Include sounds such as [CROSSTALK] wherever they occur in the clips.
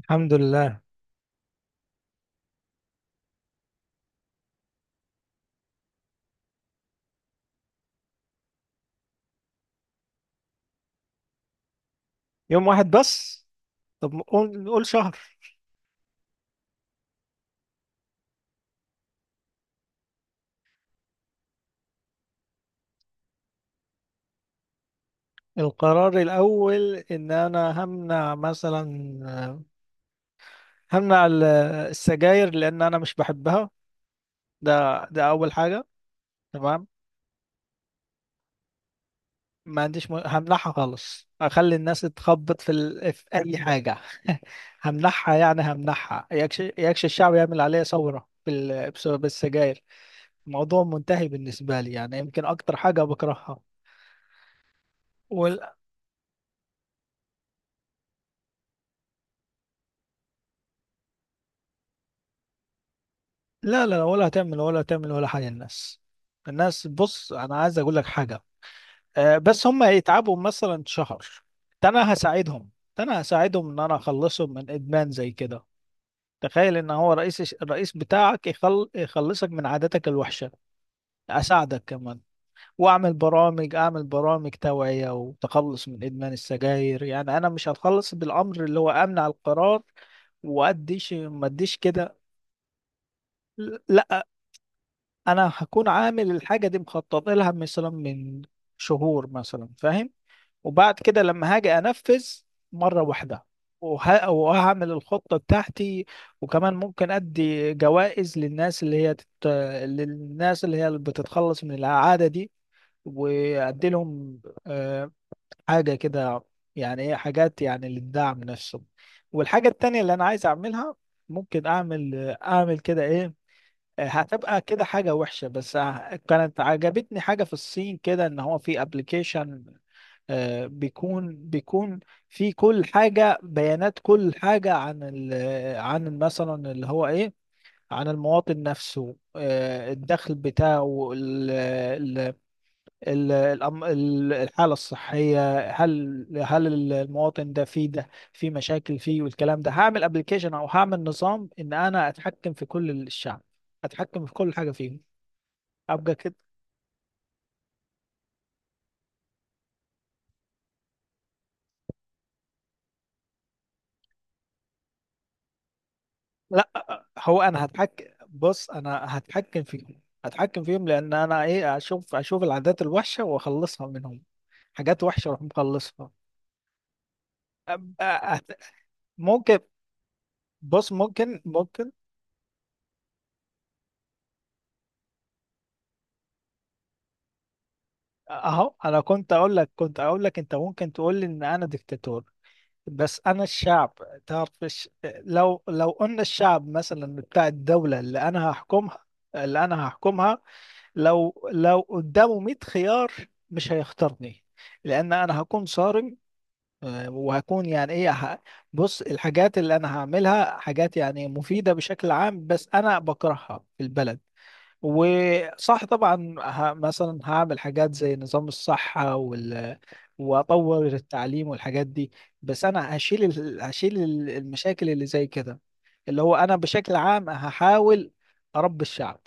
الحمد لله. يوم واحد بس؟ طب نقول شهر. القرار الأول إن أنا همنع مثلا همنع ال- السجاير، لأن أنا مش بحبها. ده أول حاجة. تمام. ما عنديش همنعها خالص، أخلي الناس تخبط في أي حاجة. [LAUGHS] همنعها، يعني همنعها، يكش الشعب، يعمل عليا ثورة بسبب السجاير. الموضوع منتهي بالنسبة لي، يعني يمكن أكتر حاجة بكرهها. وال... لا لا لا، ولا هتعمل ولا حاجة الناس، بص، أنا عايز أقول لك حاجة. بس هم يتعبوا مثلا شهر، ده أنا هساعدهم ده أنا هساعدهم إن أنا أخلصهم من إدمان زي كده. تخيل إن هو الرئيس بتاعك يخلصك من عاداتك الوحشة، أساعدك كمان. وأعمل برامج توعية وتخلص من إدمان السجاير. يعني أنا مش هتخلص بالأمر اللي هو أمنع القرار ما أديش كده. لا، انا هكون عامل الحاجه دي مخطط لها مثلا من شهور مثلا، فاهم؟ وبعد كده لما هاجي انفذ مره واحده، وهعمل الخطه بتاعتي. وكمان ممكن ادي جوائز للناس اللي هي اللي بتتخلص من العاده دي، وادي لهم آه، حاجه كده، يعني ايه، حاجات يعني للدعم نفسه. والحاجه التانيه اللي انا عايز اعملها، ممكن اعمل كده ايه، هتبقى كده حاجة وحشة. بس كانت عجبتني حاجة في الصين كده، ان هو في ابلكيشن بيكون في كل حاجة بيانات، كل حاجة عن مثلا اللي هو ايه، عن المواطن نفسه، الدخل بتاعه، ال- الحالة الصحية، هل المواطن ده فيه ده في مشاكل فيه والكلام ده. هعمل ابلكيشن او هعمل نظام ان انا اتحكم في كل الشعب، اتحكم في كل حاجة فيهم، ابقى كده. لا، هو انا هتحكم، بص انا هتحكم فيهم، لان انا اشوف العادات الوحشه واخلصها منهم. حاجات وحشه اروح مخلصها. أبقى أت- ممكن، بص، ممكن. اهو انا كنت اقول لك انت ممكن تقول لي ان انا ديكتاتور، بس انا الشعب، لو قلنا الشعب مثلا بتاع الدوله، اللي انا هحكمها، لو قدامه 100 خيار، مش هيختارني لان انا هكون صارم. وهكون يعني ايه بص، الحاجات اللي انا هعملها حاجات يعني مفيدة بشكل عام، بس انا بكرهها في البلد. وصح طبعا مثلا هعمل حاجات زي نظام الصحة واطور التعليم والحاجات دي. بس انا هشيل المشاكل اللي زي كده، اللي هو انا بشكل عام هحاول اربي الشعب.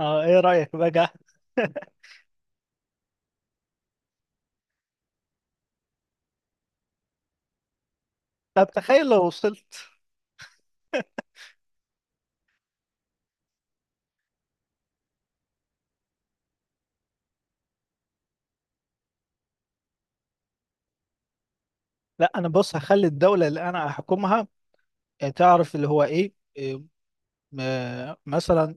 اه، ايه رأيك بقى؟ [LAUGHS] طب تخيل لو وصلت. لا، انا بص هخلي الدولة اللي انا هحكمها، تعرف اللي هو ايه إيه، م- آه، مثلا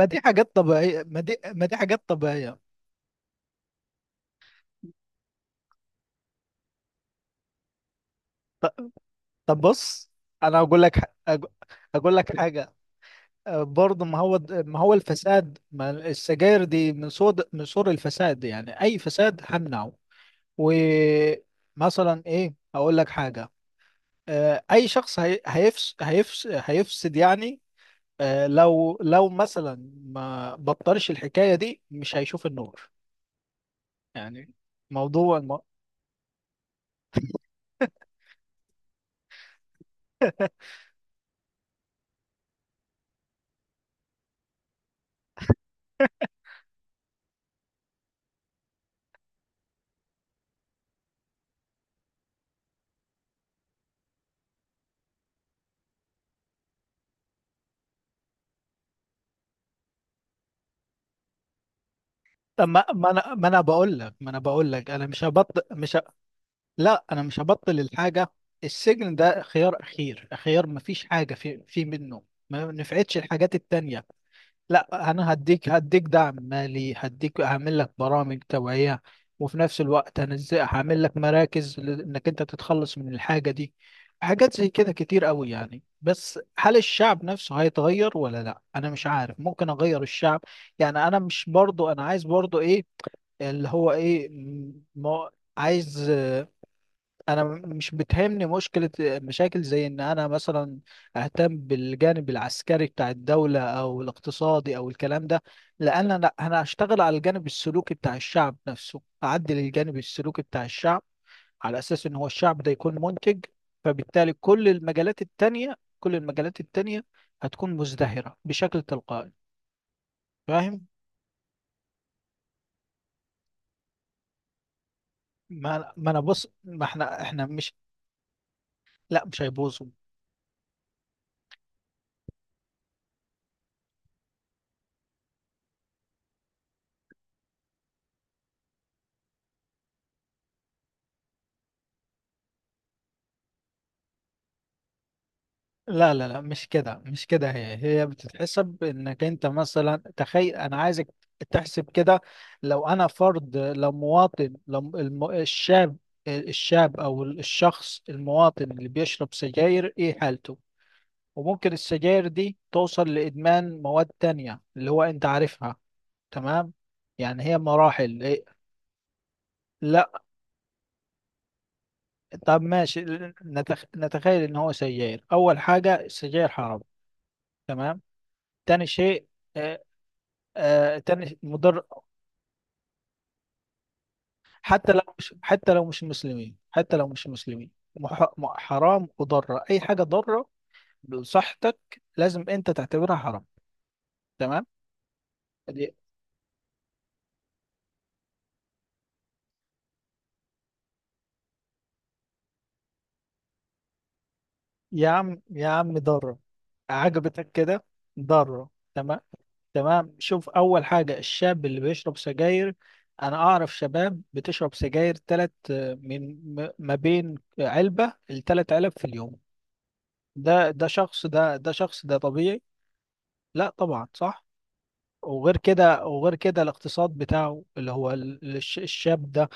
ما دي حاجات طبيعية، ما دي ما دي حاجات طبيعية. ط- طب بص، انا أج- اقول لك حاجة. برضه ما هو الفساد، ما السجاير دي من صور الفساد، يعني اي فساد همنعه. ومثلا اقول لك حاجة، اي شخص هيفسد، يعني لو مثلا ما بطلش الحكاية دي، مش هيشوف النور، يعني موضوع الم... [LAUGHS] طب ما ما انا ما انا بقول لك ما انا بقول لك، انا مش هبطل، مش ه... لا، انا مش هبطل الحاجة. السجن ده خيار اخير، خيار ما فيش حاجة في منه، ما نفعتش الحاجات التانية. لا، انا هديك دعم مالي، هديك هعمل لك برامج توعية، وفي نفس الوقت انا ازاي هعمل لك مراكز انك انت تتخلص من الحاجة دي. حاجات زي كده كتير قوي يعني. بس هل الشعب نفسه هيتغير ولا لا؟ انا مش عارف، ممكن اغير الشعب، يعني انا مش برضو، انا عايز برضو ايه اللي هو ما عايز. انا مش بتهمني مشاكل زي ان انا مثلا اهتم بالجانب العسكري بتاع الدوله او الاقتصادي او الكلام ده، لان انا هشتغل على الجانب السلوكي بتاع الشعب نفسه، اعدل الجانب السلوكي بتاع الشعب، على اساس ان هو الشعب ده يكون منتج. فبالتالي كل المجالات التانية هتكون مزدهره بشكل تلقائي، فاهم؟ ما انا بص، ما احنا مش، لا مش هيبوظ. لا لا لا، مش كده مش كده، هي بتتحسب انك انت مثلا، تخيل انا عايزك تحسب كده، لو انا فرد، لو مواطن، الشاب، او الشخص المواطن اللي بيشرب سجاير، ايه حالته؟ وممكن السجاير دي توصل لادمان مواد تانية اللي هو انت عارفها. تمام؟ يعني هي مراحل إيه؟ لا. طب ماشي، نتخيل ان هو سجاير. اول حاجة السجاير حرام، تمام. تاني شيء، آه، تاني مضر. حتى لو مش مسلمين، حرام، وضرة، أي حاجة ضارة بصحتك لازم أنت تعتبرها حرام. تمام. دي- يا عم، يا عم، ضارة، عجبتك كده؟ ضارة، تمام. تمام، شوف، أول حاجة الشاب اللي بيشرب سجاير، أنا أعرف شباب بتشرب سجاير تلات، ما بين علبة ل3 علب في اليوم. ده شخص ده طبيعي؟ لا طبعا، صح. وغير كده الاقتصاد بتاعه اللي هو الشاب ده،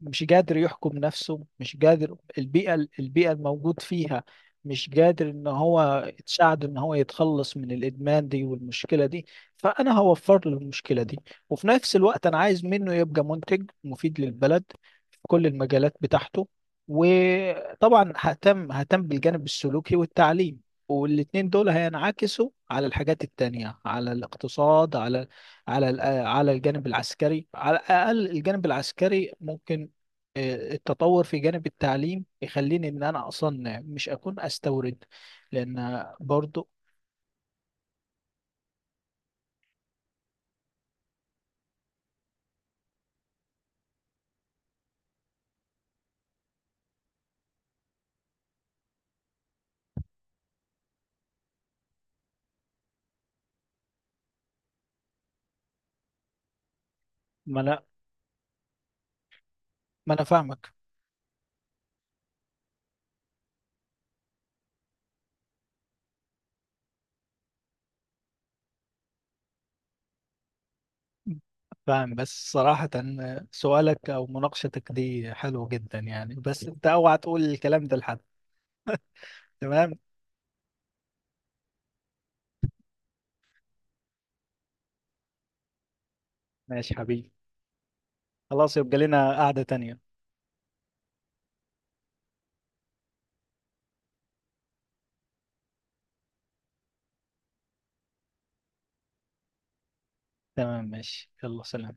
مش قادر يحكم نفسه، مش قادر، البيئة الموجود فيها مش قادر ان هو تساعده ان هو يتخلص من الادمان دي والمشكلة دي. فانا هوفر له المشكلة دي، وفي نفس الوقت انا عايز منه يبقى منتج مفيد للبلد في كل المجالات بتاعته. وطبعا ههتم بالجانب السلوكي والتعليم، والاتنين دول هينعكسوا على الحاجات التانية، على الاقتصاد، على على الجانب العسكري. على الأقل الجانب العسكري ممكن التطور في جانب التعليم يخليني ان انا اصنع، مش اكون استورد، لان برضو ما انا ما انا فاهمك. فاهم، بس صراحة سؤالك او مناقشتك دي حلوة جدا يعني، بس انت اوعى تقول الكلام ده لحد، تمام؟ ماشي حبيبي، خلاص يبقى لنا قعدة تانية. تمام، ماشي، يلا، سلام.